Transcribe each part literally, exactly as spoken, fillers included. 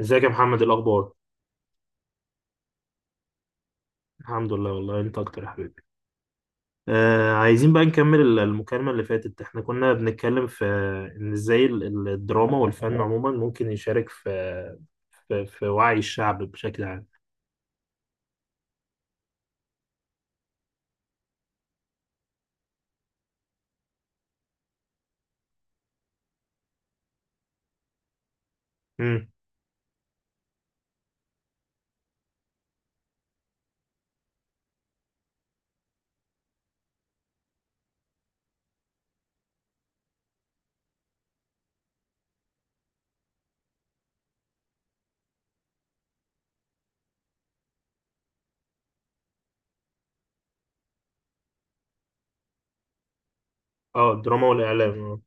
ازيك يا محمد؟ الاخبار؟ الحمد لله، والله انت اكتر يا حبيبي. آه عايزين بقى نكمل ال- المكالمة اللي فاتت. احنا كنا بنتكلم في ان ازاي ال- ال- الدراما والفن عموما ممكن يشارك في في, في وعي الشعب بشكل عام. امم اه، الدراما والاعلام، اه.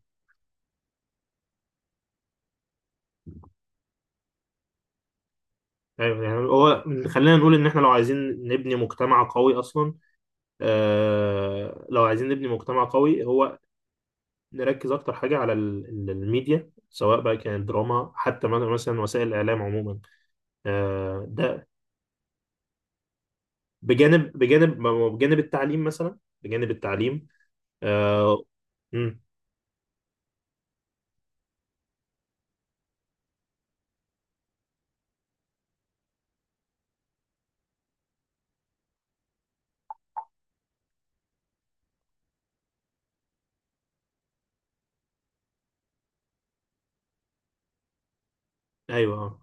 ايوه، يعني هو، خلينا نقول ان احنا لو عايزين نبني مجتمع قوي اصلا. آه، لو عايزين نبني مجتمع قوي، هو نركز اكتر حاجة على ال- ال- الميديا، سواء بقى كانت دراما، حتى مثلا وسائل الاعلام عموما. آه، ده بجانب، بجانب ما هو بجانب التعليم، مثلا بجانب التعليم. آه. امم. ايوه، آه،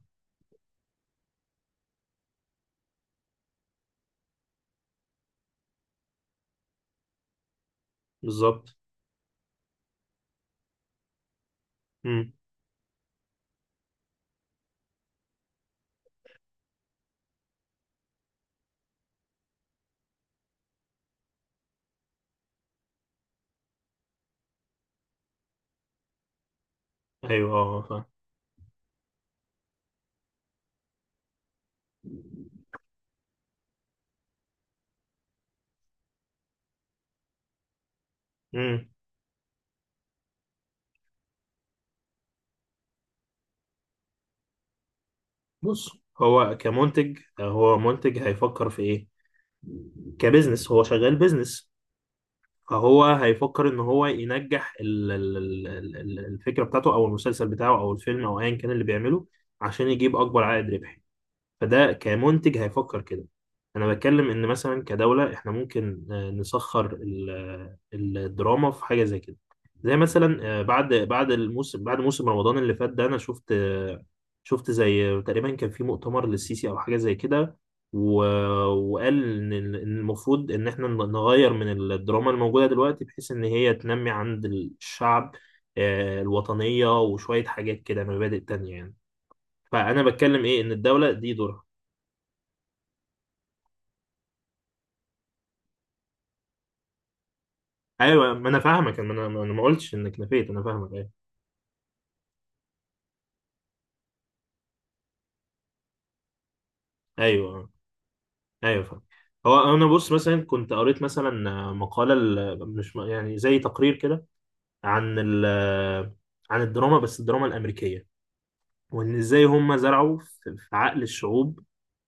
بالظبط. امم. ايوه، اه آه، فاهم. امم. بص، هو كمنتج، آه، هو منتج هيفكر في ايه؟ كبزنس، هو شغال بزنس. فهو هيفكر ان هو ينجح ال- ال- ال- ال- ال- الفكره بتاعته، او المسلسل بتاعه، او الفيلم، او ايا كان اللي بيعمله، عشان يجيب اكبر عائد ربحي. فده كمنتج هيفكر كده. انا بتكلم ان مثلا كدولة احنا ممكن، آه، نسخر ال- ال- الدراما في حاجة زي كده. زي مثلا آه، بعد، بعد الموسم بعد موسم رمضان اللي فات ده، انا شفت، آه، شفت زي تقريبا كان في مؤتمر للسيسي او حاجة زي كده. و- وقال ان ال- إن المفروض ان احنا نغير من الدراما الموجودة دلوقتي، بحيث ان هي تنمي عند الشعب آه، الوطنية، وشوية حاجات كده، مبادئ تانية يعني. فانا بتكلم ايه؟ ان الدولة دي دورها. ايوه، ما انا فاهمك. انا انا أنا ما قلتش انك نفيت، انا فاهمك، ايوه. ايوه. ايوه فاهم. هو انا بص، مثلا كنت قريت مثلا مقاله، ال- مش م- يعني زي تقرير كده، عن ال عن الدراما، بس الدراما الامريكيه، وان ازاي هم زرعوا في، في عقل الشعوب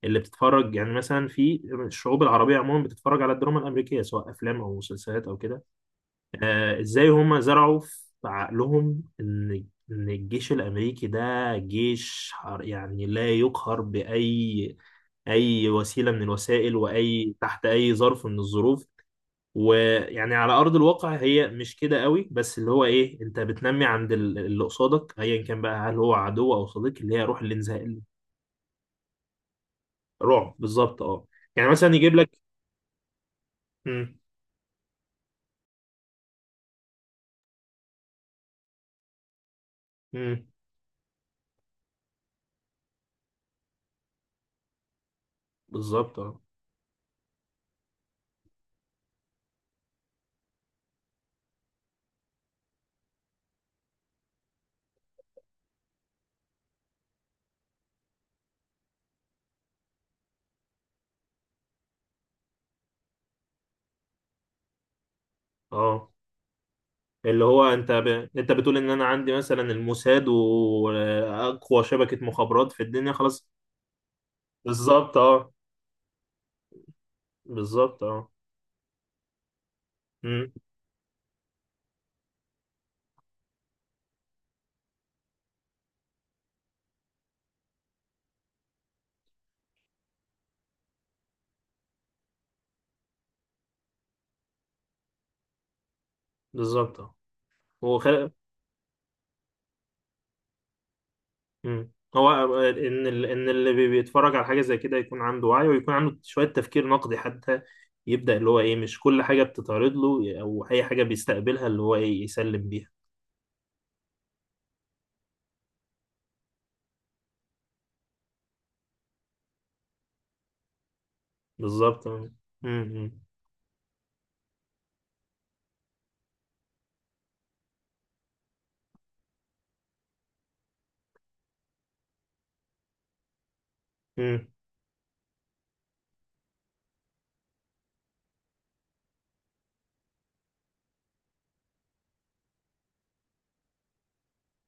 اللي بتتفرج. يعني مثلا في الشعوب العربيه عموما بتتفرج على الدراما الامريكيه، سواء افلام او مسلسلات او كده. آه، ازاي هم زرعوا في عقلهم ان، ان الجيش الامريكي ده جيش حر، يعني لا يقهر باي، اي وسيله من الوسائل، واي تحت اي ظرف من الظروف. ويعني على ارض الواقع هي مش كده قوي، بس اللي هو ايه، انت بتنمي عند ال- اللي قصادك، ايا كان بقى هل هو عدو او صديق، اللي هي روح الانزهاء. رعب، بالظبط، اه. يعني مثلا يجيب لك. امم. بالظبط، اه. اه، اللي هو انت ب... انت بتقول ان انا عندي مثلا الموساد واقوى شبكة مخابرات في الدنيا، خلاص. بالظبط، اه. بالظبط، اه. امم. بالظبط، اه. هو خل... امم. هو ان ال... ان اللي بي- بيتفرج على حاجة زي كده يكون عنده وعي، ويكون عنده شوية تفكير نقدي حتى، يبدأ اللي هو ايه؟ مش كل حاجة بتتعرض له او اي حاجة بيستقبلها اللي هو ايه يسلم بيها. بالظبط، اه. امم. امم.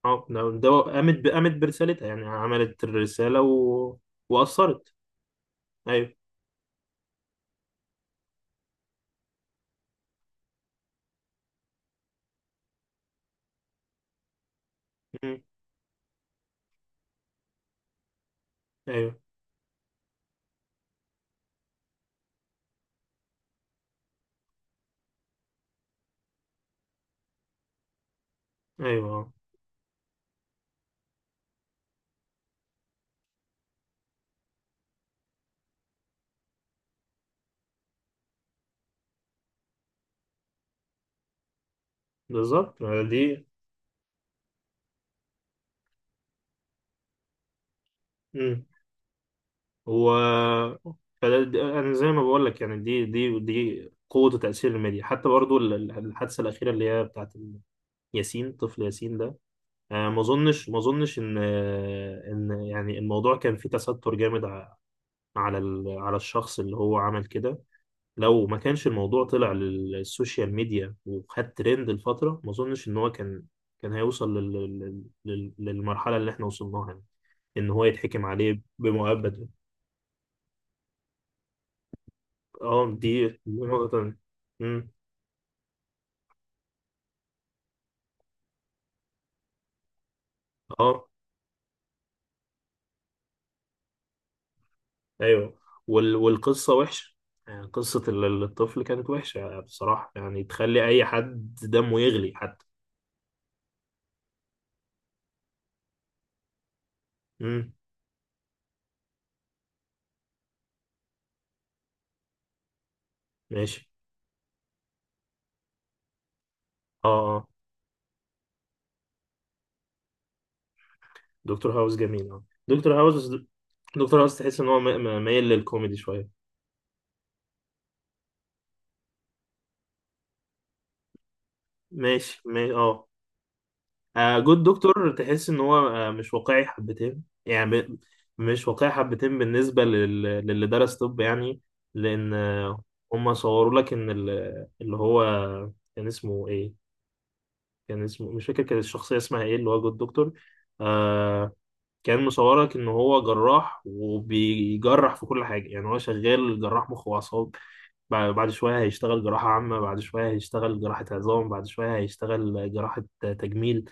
اه، ده ده قامت ب... قامت برسالتها، يعني عملت الرسالة و... وأثرت. ايوه. مم. ايوه. ايوه. آه. بالظبط، آه، دي. مم. هو، فده- دي- انا زي ما بقول لك يعني، دي دي دي قوة وتأثير الميديا. حتى برضو ال- ال- الحادثة الأخيرة اللي هي بتاعت ال- ياسين، طفل ياسين ده، آه، ما اظنش، ما اظنش ان، آه، ان يعني الموضوع كان فيه تستر جامد ع- على ال- على الشخص اللي هو عمل كده. لو ما كانش الموضوع طلع للسوشيال ميديا وخد ترند لفترة، ما اظنش ان هو كان، كان هيوصل لل... لل... لل- للمرحلة اللي احنا وصلناها، ان هو يتحكم عليه بمؤبد. اه، دي دي نقطة. مم. اه. ايوه. وال... والقصة وحشة، يعني قصة ال- الطفل كانت وحشة بصراحة، يعني تخلي اي حد دمه يغلي حتى. مم. ماشي. اه. اه، دكتور هاوس جميل، اه. دكتور هاوس، دكتور هاوس تحس ان هو م- م- مايل للكوميدي شوية. ماشي، ما... اه. آه، جود دكتور تحس ان هو آه مش واقعي حبتين، يعني ب- مش واقعي حبتين بالنسبه لل- للي درس طب يعني. لان آه، هم صوروا لك ان ال- اللي هو، كان اسمه ايه، كان اسمه مش فاكر، كان الشخصيه اسمها ايه اللي هو جود دكتور، آه، كان مصورك ان هو جراح، وبيجرح في كل حاجه. يعني هو شغال جراح مخ واعصاب، بعد، بعد شويه هيشتغل جراحه عامه، بعد شويه هيشتغل جراحه عظام، بعد شويه هيشتغل جراحه تجميل.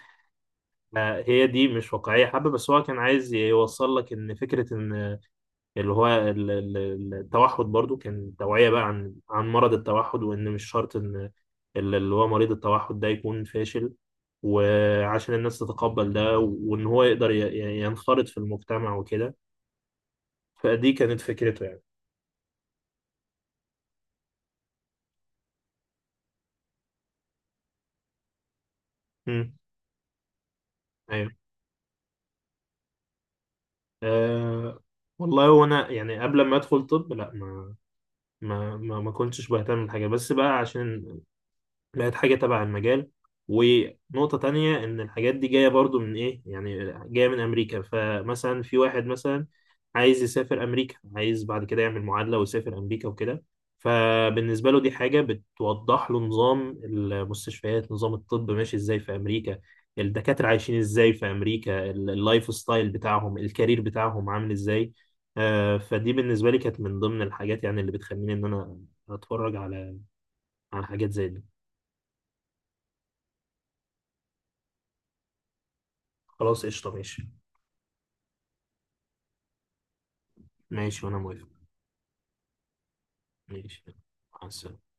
آه، هي دي مش واقعية حبة، بس هو كان عايز يوصل لك إن فكرة إن اللي هو ال- ال- ال- التوحد. برضو كان توعية بقى عن، عن مرض التوحد، وإن مش شرط إن ال- اللي هو مريض التوحد ده يكون فاشل، وعشان الناس تتقبل ده، وإن هو يقدر ي- ي- ينخرط في المجتمع وكده. فدي كانت فكرته يعني. مم. أيوه. أه، والله وانا يعني قبل ما ادخل طب، لا، ما ما ما, ما كنتش بهتم بالحاجه، بس بقى عشان لقيت حاجة تبع المجال. ونقطة تانية إن الحاجات دي جاية برضو من إيه؟ يعني جاية من أمريكا. فمثلا في واحد مثلا عايز يسافر أمريكا، عايز بعد كده يعمل معادلة ويسافر أمريكا وكده، فبالنسبة له دي حاجة بتوضح له نظام المستشفيات، نظام الطب ماشي إزاي في أمريكا، الدكاترة عايشين إزاي في أمريكا، ال- اللايف ستايل بتاعهم، الكارير بتاعهم عامل إزاي. آه، فدي بالنسبة لي كانت من ضمن الحاجات يعني اللي بتخليني إن أنا أتفرج على، على حاجات زي دي. خلاص، قشطة، ماشي. ماشي، وأنا موافق. ماشي. مع السلامة.